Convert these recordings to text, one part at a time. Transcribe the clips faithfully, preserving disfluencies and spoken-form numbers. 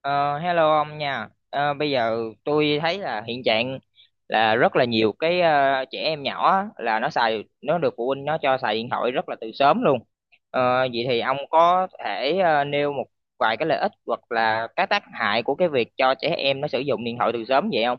Ờ, Hello ông nha. Ờ, Bây giờ tôi thấy là hiện trạng là rất là nhiều cái ờ, trẻ em nhỏ á, là nó xài nó được phụ huynh nó cho xài điện thoại rất là từ sớm luôn. Ờ, vậy thì ông có thể ờ, nêu một vài cái lợi ích hoặc là các tác hại của cái việc cho trẻ em nó sử dụng điện thoại từ sớm vậy không?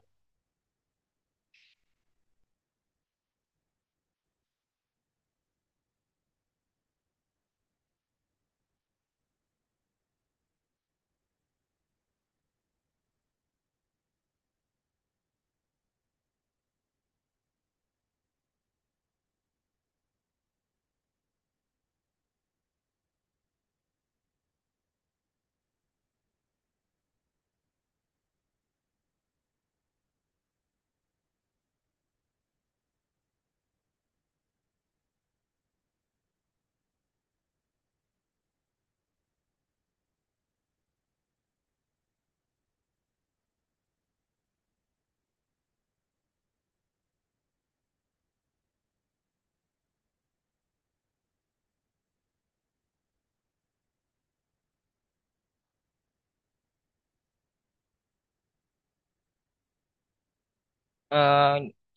Ờ,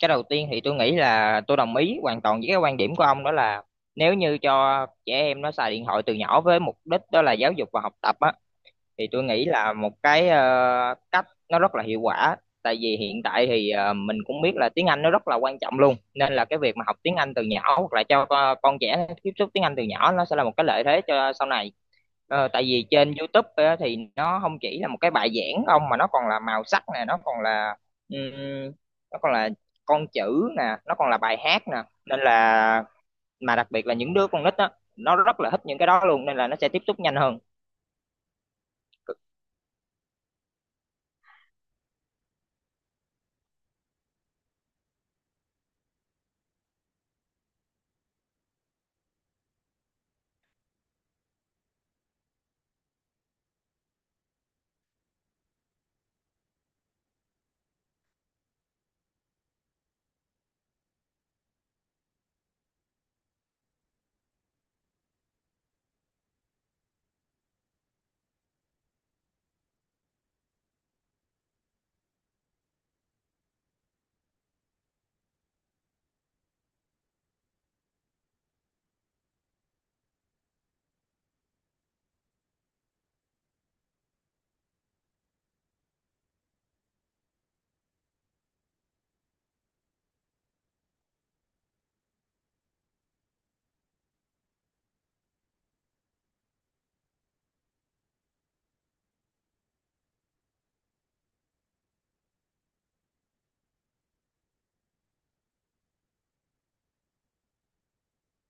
cái đầu tiên thì tôi nghĩ là tôi đồng ý hoàn toàn với cái quan điểm của ông, đó là nếu như cho trẻ em nó xài điện thoại từ nhỏ với mục đích đó là giáo dục và học tập á, thì tôi nghĩ là một cái ờ, cách nó rất là hiệu quả. Tại vì hiện tại thì ờ, mình cũng biết là tiếng Anh nó rất là quan trọng luôn, nên là cái việc mà học tiếng Anh từ nhỏ hoặc là cho con, con trẻ tiếp xúc tiếng Anh từ nhỏ nó sẽ là một cái lợi thế cho sau này. Ờ, tại vì trên YouTube á, thì nó không chỉ là một cái bài giảng không, mà nó còn là màu sắc nè, nó còn là ừm, nó còn là con chữ nè, nó còn là bài hát nè, nên là, mà đặc biệt là những đứa con nít á, nó rất là thích những cái đó luôn, nên là nó sẽ tiếp xúc nhanh hơn.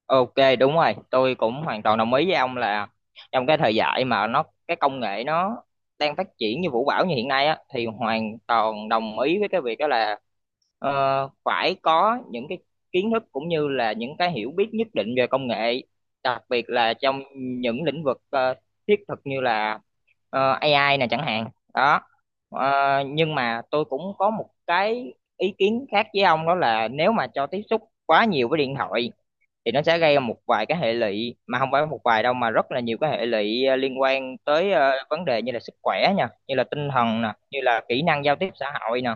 Ok, đúng rồi, tôi cũng hoàn toàn đồng ý với ông là trong cái thời đại mà nó cái công nghệ nó đang phát triển như vũ bão như hiện nay á, thì hoàn toàn đồng ý với cái việc đó là ờ, phải có những cái kiến thức cũng như là những cái hiểu biết nhất định về công nghệ, đặc biệt là trong những lĩnh vực ờ, thiết thực như là ờ, a i này chẳng hạn. Đó. Ờ, nhưng mà tôi cũng có một cái ý kiến khác với ông, đó là nếu mà cho tiếp xúc quá nhiều với điện thoại thì nó sẽ gây ra một vài cái hệ lụy, mà không phải một vài đâu mà rất là nhiều cái hệ lụy ờ, liên quan tới ờ, vấn đề như là sức khỏe nha, như là tinh thần nè, như là kỹ năng giao tiếp xã hội nè.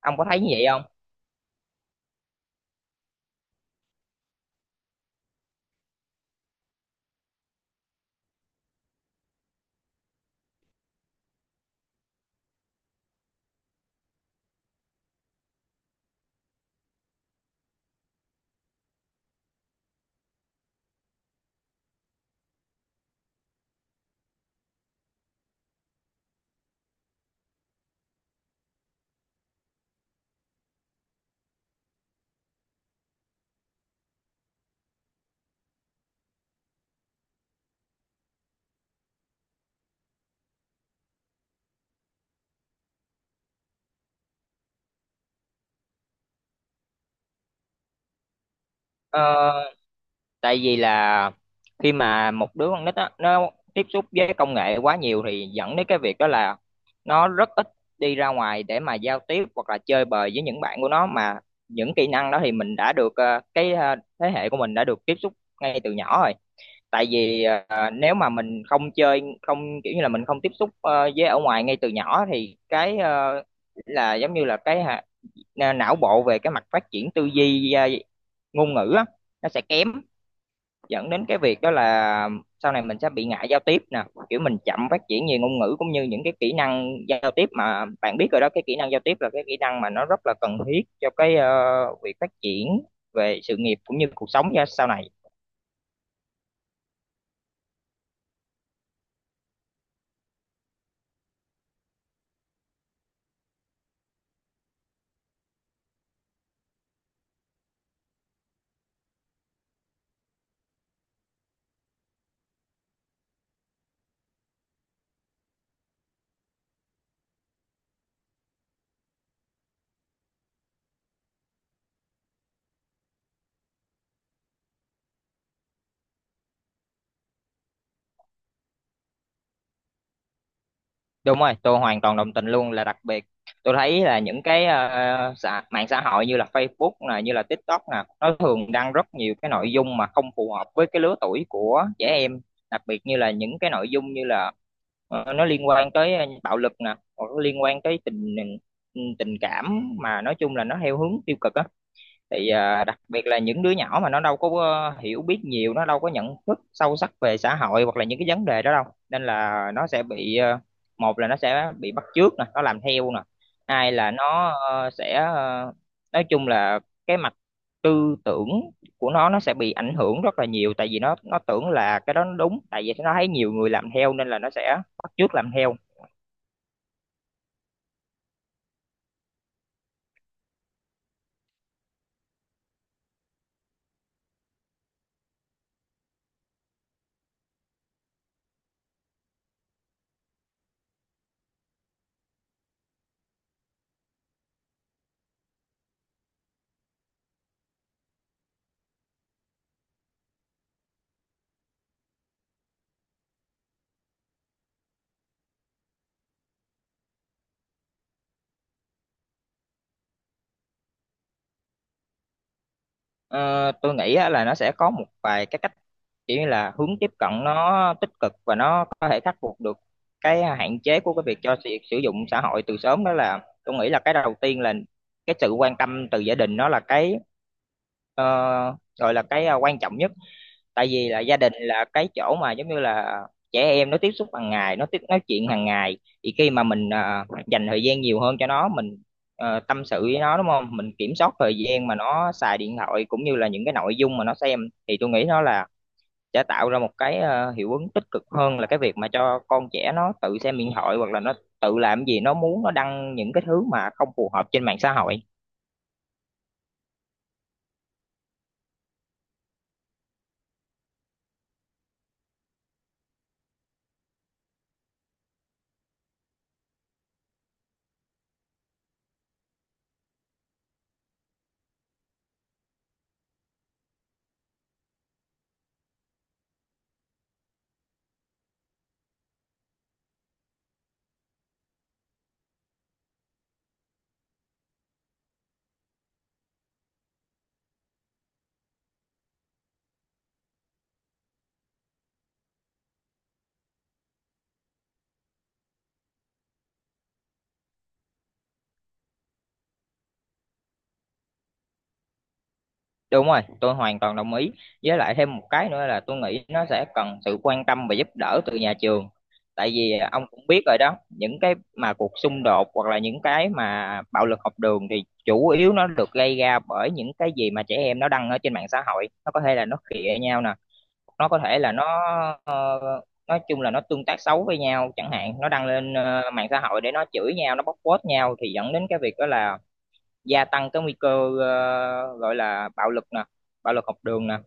Ông có thấy như vậy không? Ờ, Tại vì là khi mà một đứa con nít á, nó tiếp xúc với công nghệ quá nhiều thì dẫn đến cái việc đó là nó rất ít đi ra ngoài để mà giao tiếp hoặc là chơi bời với những bạn của nó, mà những kỹ năng đó thì mình đã được ờ, cái ờ, thế hệ của mình đã được tiếp xúc ngay từ nhỏ rồi. Tại vì ờ, nếu mà mình không chơi, không kiểu như là mình không tiếp xúc ờ, với ở ngoài ngay từ nhỏ thì cái ờ, là giống như là cái hạ- na- não bộ, về cái mặt phát triển tư duy ờ, ngôn ngữ á, nó sẽ kém, dẫn đến cái việc đó là sau này mình sẽ bị ngại giao tiếp nè, kiểu mình chậm phát triển về ngôn ngữ cũng như những cái kỹ năng giao tiếp, mà bạn biết rồi đó, cái kỹ năng giao tiếp là cái kỹ năng mà nó rất là cần thiết cho cái ờ, việc phát triển về sự nghiệp cũng như cuộc sống ra sau này. Đúng rồi, tôi hoàn toàn đồng tình luôn, là đặc biệt tôi thấy là những cái ờ, xã, mạng xã hội như là Facebook nè, như là TikTok nè, nó thường đăng rất nhiều cái nội dung mà không phù hợp với cái lứa tuổi của trẻ em, đặc biệt như là những cái nội dung như là ờ, nó liên quan tới ờ, bạo lực nè, hoặc nó liên quan tới tình tình cảm, mà nói chung là nó theo hướng tiêu cực á. Thì à, đặc biệt là những đứa nhỏ mà nó đâu có ờ, hiểu biết nhiều, nó đâu có nhận thức sâu sắc về xã hội hoặc là những cái vấn đề đó đâu, nên là nó sẽ bị, ờ, một là nó sẽ bị bắt chước nè, nó làm theo nè, hai là nó ờ, sẽ ờ, nói chung là cái mặt tư tưởng của nó nó sẽ bị ảnh hưởng rất là nhiều, tại vì nó nó tưởng là cái đó nó đúng, tại vì nó thấy nhiều người làm theo nên là nó sẽ bắt chước làm theo. Ờ, tôi nghĩ á, là nó sẽ có một vài cái cách kiểu như là hướng tiếp cận nó tích cực và nó có thể khắc phục được cái hạn chế của cái việc cho việc sử dụng xã hội từ sớm. Đó là tôi nghĩ là cái đầu tiên là cái sự quan tâm từ gia đình, nó là cái ờ, gọi là cái ờ, quan trọng nhất. Tại vì là gia đình là cái chỗ mà giống như là trẻ em nó tiếp xúc hàng ngày, nó tiếp nói chuyện hàng ngày, thì khi mà mình à, dành thời gian nhiều hơn cho nó, mình ờ, tâm sự với nó, đúng không, mình kiểm soát thời gian mà nó xài điện thoại cũng như là những cái nội dung mà nó xem, thì tôi nghĩ nó là sẽ tạo ra một cái ờ, hiệu ứng tích cực hơn là cái việc mà cho con trẻ nó tự xem điện thoại hoặc là nó tự làm gì nó muốn, nó đăng những cái thứ mà không phù hợp trên mạng xã hội. Đúng rồi, tôi hoàn toàn đồng ý. Với lại thêm một cái nữa là tôi nghĩ nó sẽ cần sự quan tâm và giúp đỡ từ nhà trường. Tại vì à, ông cũng biết rồi đó, những cái mà cuộc xung đột hoặc là những cái mà bạo lực học đường thì chủ yếu nó được gây ra bởi những cái gì mà trẻ em nó đăng ở trên mạng xã hội. Nó có thể là nó khịa nhau nè, nó có thể là nó ờ, nói chung là nó tương tác xấu với nhau chẳng hạn, nó đăng lên ờ, mạng xã hội để nó chửi nhau, nó bóc phốt nhau, thì dẫn đến cái việc đó là gia tăng cái nguy cơ ờ, gọi là bạo lực nè, bạo lực học đường nè.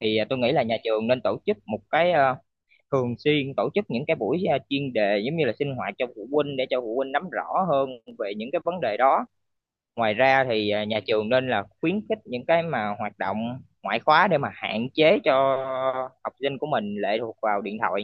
Thì ờ, tôi nghĩ là nhà trường nên tổ chức một cái ờ, thường xuyên tổ chức những cái buổi ờ, chuyên đề giống như là sinh hoạt cho phụ huynh, để cho phụ huynh nắm rõ hơn về những cái vấn đề đó. Ngoài ra thì ờ, nhà trường nên là khuyến khích những cái mà hoạt động ngoại khóa để mà hạn chế cho học sinh của mình lệ thuộc vào điện thoại.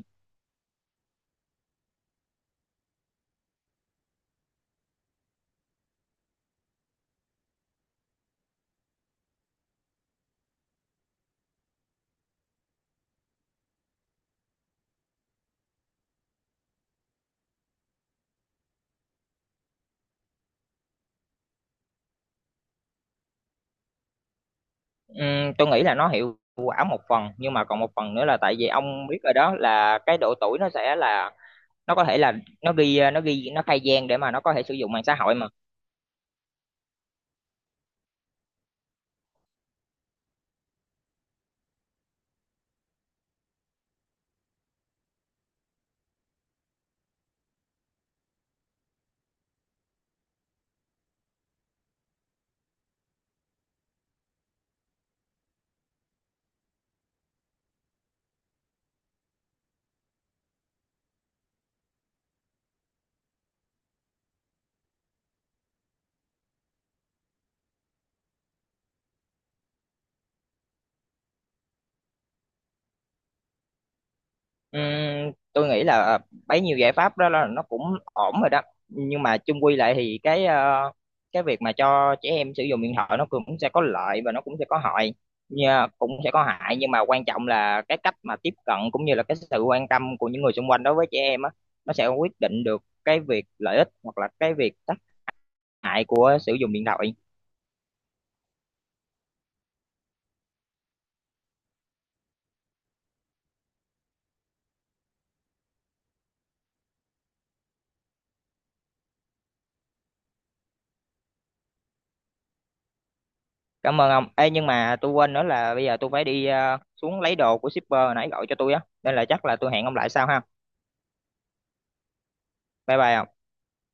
Ừm, tôi nghĩ là nó hiệu quả một phần, nhưng mà còn một phần nữa là tại vì ông biết rồi đó, là cái độ tuổi nó sẽ là, nó có thể là nó ghi, ờ, nó ghi, nó khai gian để mà nó có thể sử dụng mạng xã hội mà. Ừm, tôi nghĩ là ờ, bấy nhiêu giải pháp đó là nó cũng ổn rồi đó, nhưng mà chung quy lại thì cái ờ, cái việc mà cho trẻ em sử dụng điện thoại nó cũng sẽ có lợi và nó cũng sẽ có hại nha, cũng sẽ có hại, nhưng mà quan trọng là cái cách mà tiếp cận cũng như là cái sự quan tâm của những người xung quanh đối với trẻ em á, nó sẽ quyết định được cái việc lợi ích hoặc là cái việc tác hại của sử dụng điện thoại. Cảm ơn ông. Ê, nhưng mà tôi quên nữa là bây giờ tôi phải đi ờ, xuống lấy đồ của shipper hồi nãy gọi cho tôi á. Nên là chắc là tôi hẹn ông lại sau ha. Bye bye ông.